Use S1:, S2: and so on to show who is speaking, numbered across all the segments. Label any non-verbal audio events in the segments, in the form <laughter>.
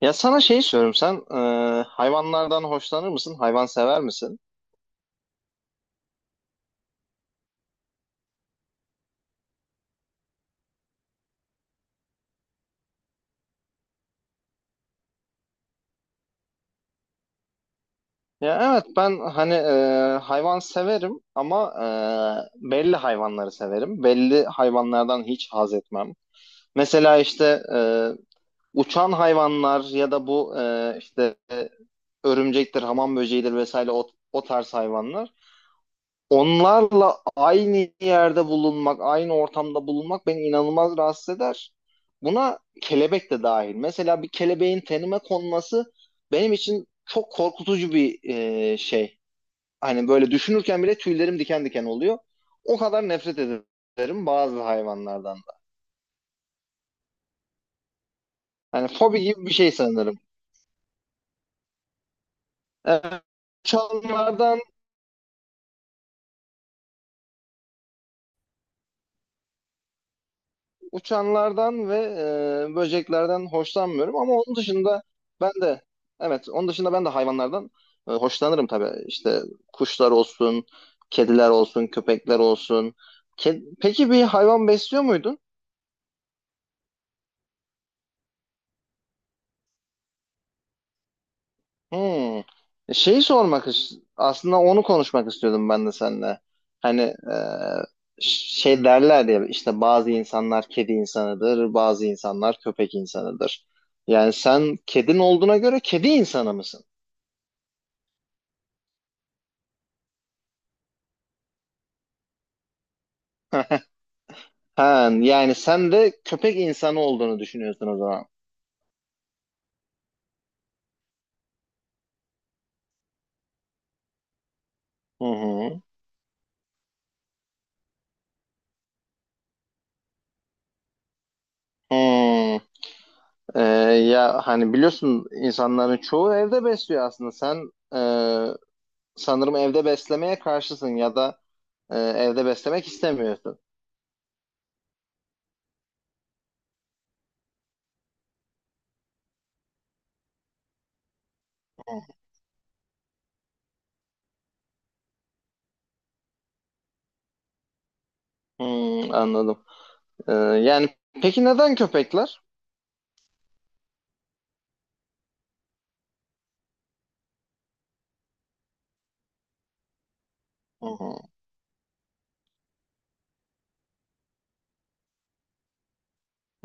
S1: Ya sana şey soruyorum, sen hayvanlardan hoşlanır mısın? Hayvan sever misin? Ya evet, ben hani hayvan severim ama belli hayvanları severim. Belli hayvanlardan hiç haz etmem. Mesela işte uçan hayvanlar ya da bu işte örümcektir, hamam böceğidir vesaire o tarz hayvanlar. Onlarla aynı yerde bulunmak, aynı ortamda bulunmak beni inanılmaz rahatsız eder. Buna kelebek de dahil. Mesela bir kelebeğin tenime konması benim için çok korkutucu bir şey. Hani böyle düşünürken bile tüylerim diken diken oluyor. O kadar nefret ederim bazı hayvanlardan. Da. Hani fobi gibi bir şey sanırım. Evet. Uçanlardan ve böceklerden hoşlanmıyorum, ama onun dışında ben de evet, onun dışında ben de hayvanlardan hoşlanırım tabii. İşte kuşlar olsun, kediler olsun, köpekler olsun. Peki bir hayvan besliyor muydun? Hmm. Şeyi sormak aslında onu konuşmak istiyordum ben de seninle. Hani şey derler ya, işte bazı insanlar kedi insanıdır, bazı insanlar köpek insanıdır. Yani sen kedin olduğuna göre kedi insanı mısın? <laughs> Ha, yani sen de köpek insanı olduğunu düşünüyorsun o zaman. Hı hı. Hı. Ee, ya hani biliyorsun, insanların çoğu evde besliyor aslında. Sen sanırım evde beslemeye karşısın ya da evde beslemek istemiyorsun. Hı, anladım. Yani peki neden köpekler? Hı hı.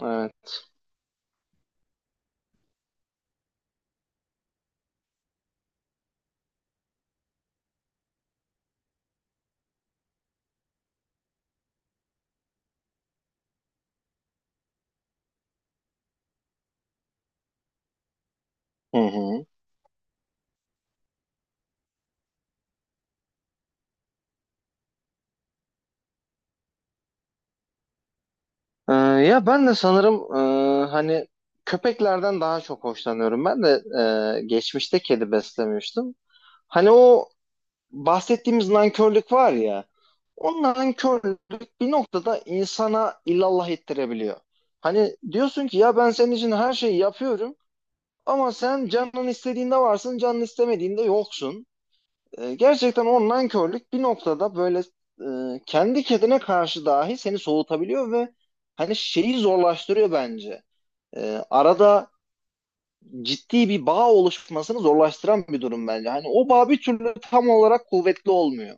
S1: Evet. Hı hı. Ya ben de sanırım hani köpeklerden daha çok hoşlanıyorum. Ben de geçmişte kedi beslemiştim. Hani o bahsettiğimiz nankörlük var ya, o nankörlük bir noktada insana illallah ettirebiliyor. Hani diyorsun ki ya ben senin için her şeyi yapıyorum ama sen canın istediğinde varsın, canın istemediğinde yoksun. Gerçekten online körlük bir noktada böyle kendi kendine karşı dahi seni soğutabiliyor ve hani şeyi zorlaştırıyor bence. Arada ciddi bir bağ oluşmasını zorlaştıran bir durum bence. Hani o bağ bir türlü tam olarak kuvvetli olmuyor.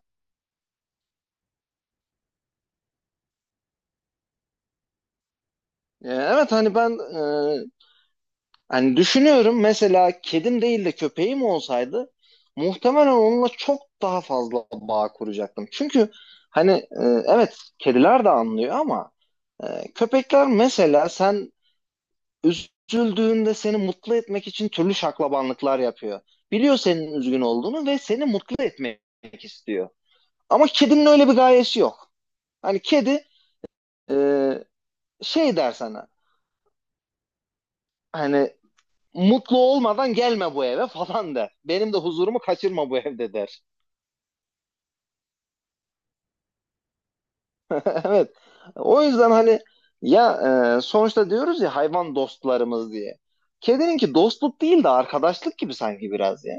S1: Evet hani e, yani düşünüyorum, mesela kedim değil de köpeğim olsaydı muhtemelen onunla çok daha fazla bağ kuracaktım. Çünkü hani evet kediler de anlıyor ama köpekler mesela sen üzüldüğünde seni mutlu etmek için türlü şaklabanlıklar yapıyor. Biliyor senin üzgün olduğunu ve seni mutlu etmek istiyor. Ama kedinin öyle bir gayesi yok. Hani kedi e, şey der sana, hani mutlu olmadan gelme bu eve falan der. Benim de huzurumu kaçırma bu evde der. <laughs> Evet. O yüzden hani ya sonuçta diyoruz ya hayvan dostlarımız diye. Kedininki dostluk değil de arkadaşlık gibi sanki biraz ya.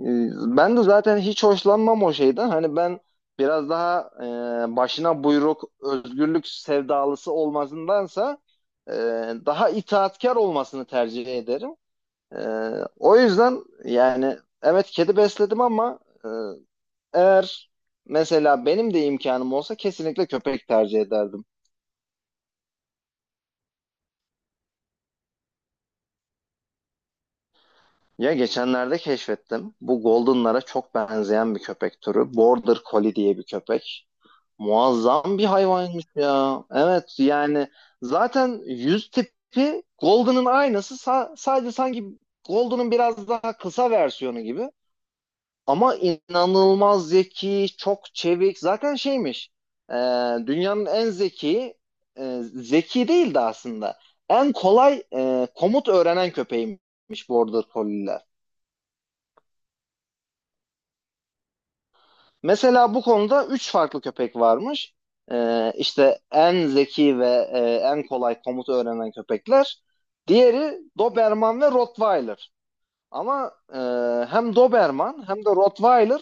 S1: E, ben de zaten hiç hoşlanmam o şeyden. Hani ben biraz daha başına buyruk, özgürlük sevdalısı olmasındansa e, daha itaatkar olmasını tercih ederim. Ee, o yüzden yani evet kedi besledim ama e, eğer mesela benim de imkanım olsa kesinlikle köpek tercih ederdim. Ya geçenlerde keşfettim. Bu Golden'lara çok benzeyen bir köpek türü. Border Collie diye bir köpek. Muazzam bir hayvanmış ya. Evet yani zaten yüz tipi Golden'ın aynısı. Sadece sanki Golden'ın biraz daha kısa versiyonu gibi. Ama inanılmaz zeki, çok çevik. Zaten şeymiş, e, dünyanın en zeki değildi aslında. En kolay komut öğrenen köpeğiymiş Border Collie'ler. Mesela bu konuda 3 farklı köpek varmış. İşte en zeki ve e, en kolay komut öğrenen köpekler. Diğeri Doberman ve Rottweiler. Ama hem Doberman hem de Rottweiler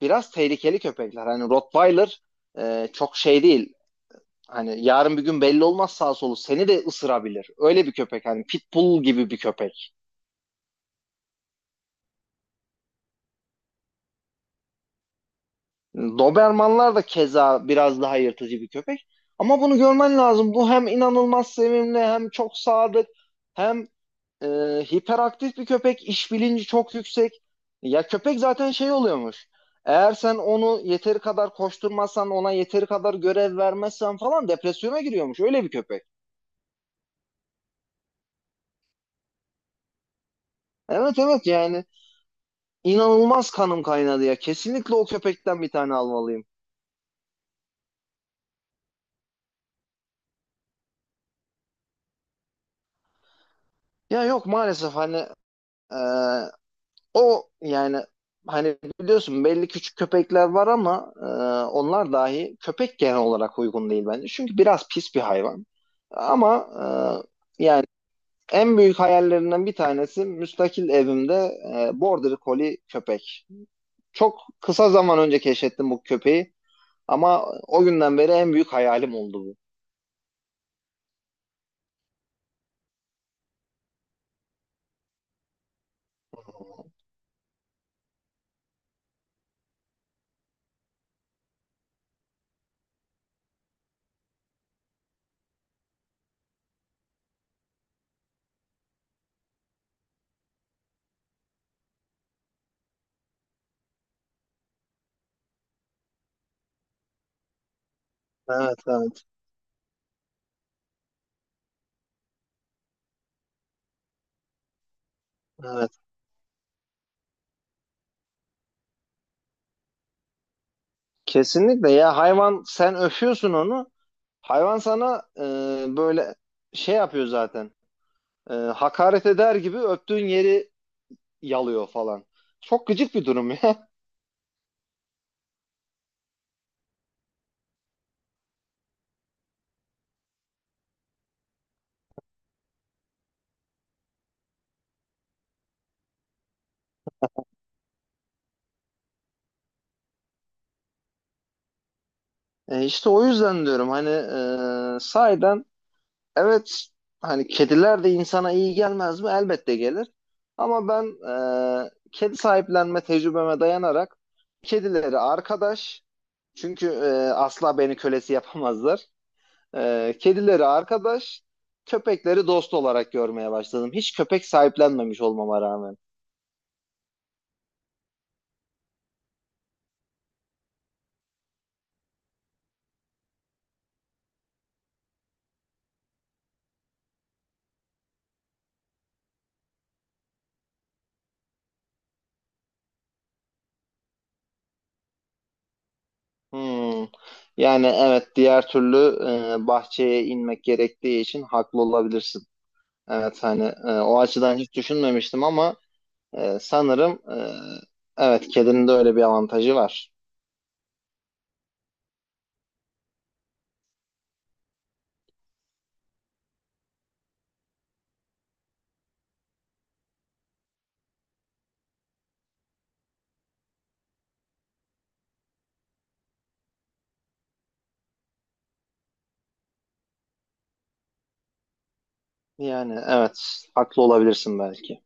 S1: biraz tehlikeli köpekler. Hani Rottweiler çok şey değil. Hani yarın bir gün belli olmaz, sağ solu seni de ısırabilir. Öyle bir köpek, hani pitbull gibi bir köpek. Dobermanlar da keza biraz daha yırtıcı bir köpek. Ama bunu görmen lazım. Bu hem inanılmaz sevimli hem çok sadık hem e, hiperaktif bir köpek, iş bilinci çok yüksek. Ya köpek zaten şey oluyormuş. Eğer sen onu yeteri kadar koşturmazsan, ona yeteri kadar görev vermezsen falan depresyona giriyormuş. Öyle bir köpek. Evet, yani inanılmaz kanım kaynadı ya. Kesinlikle o köpekten bir tane almalıyım. Ya yok maalesef, hani e, o yani hani biliyorsun belli küçük köpekler var ama onlar dahi, köpek genel olarak uygun değil bence. Çünkü biraz pis bir hayvan. Ama e, en büyük hayallerinden bir tanesi müstakil evimde Border Collie köpek. Çok kısa zaman önce keşfettim bu köpeği ama o günden beri en büyük hayalim oldu bu. Evet, evet, evet. Kesinlikle ya, hayvan sen öpüyorsun onu. Hayvan sana böyle şey yapıyor zaten. Hakaret eder gibi öptüğün yeri yalıyor falan. Çok gıcık bir durum ya. <laughs> İşte o yüzden diyorum hani sahiden evet hani kediler de insana iyi gelmez mi? Elbette gelir. Ama ben kedi sahiplenme tecrübeme dayanarak kedileri arkadaş, çünkü asla beni kölesi yapamazlar. Kedileri arkadaş, köpekleri dost olarak görmeye başladım. Hiç köpek sahiplenmemiş olmama rağmen. Hmm. Yani evet, diğer türlü bahçeye inmek gerektiği için haklı olabilirsin. Evet hani o açıdan hiç düşünmemiştim ama sanırım evet kedinin de öyle bir avantajı var. Yani evet, haklı olabilirsin belki.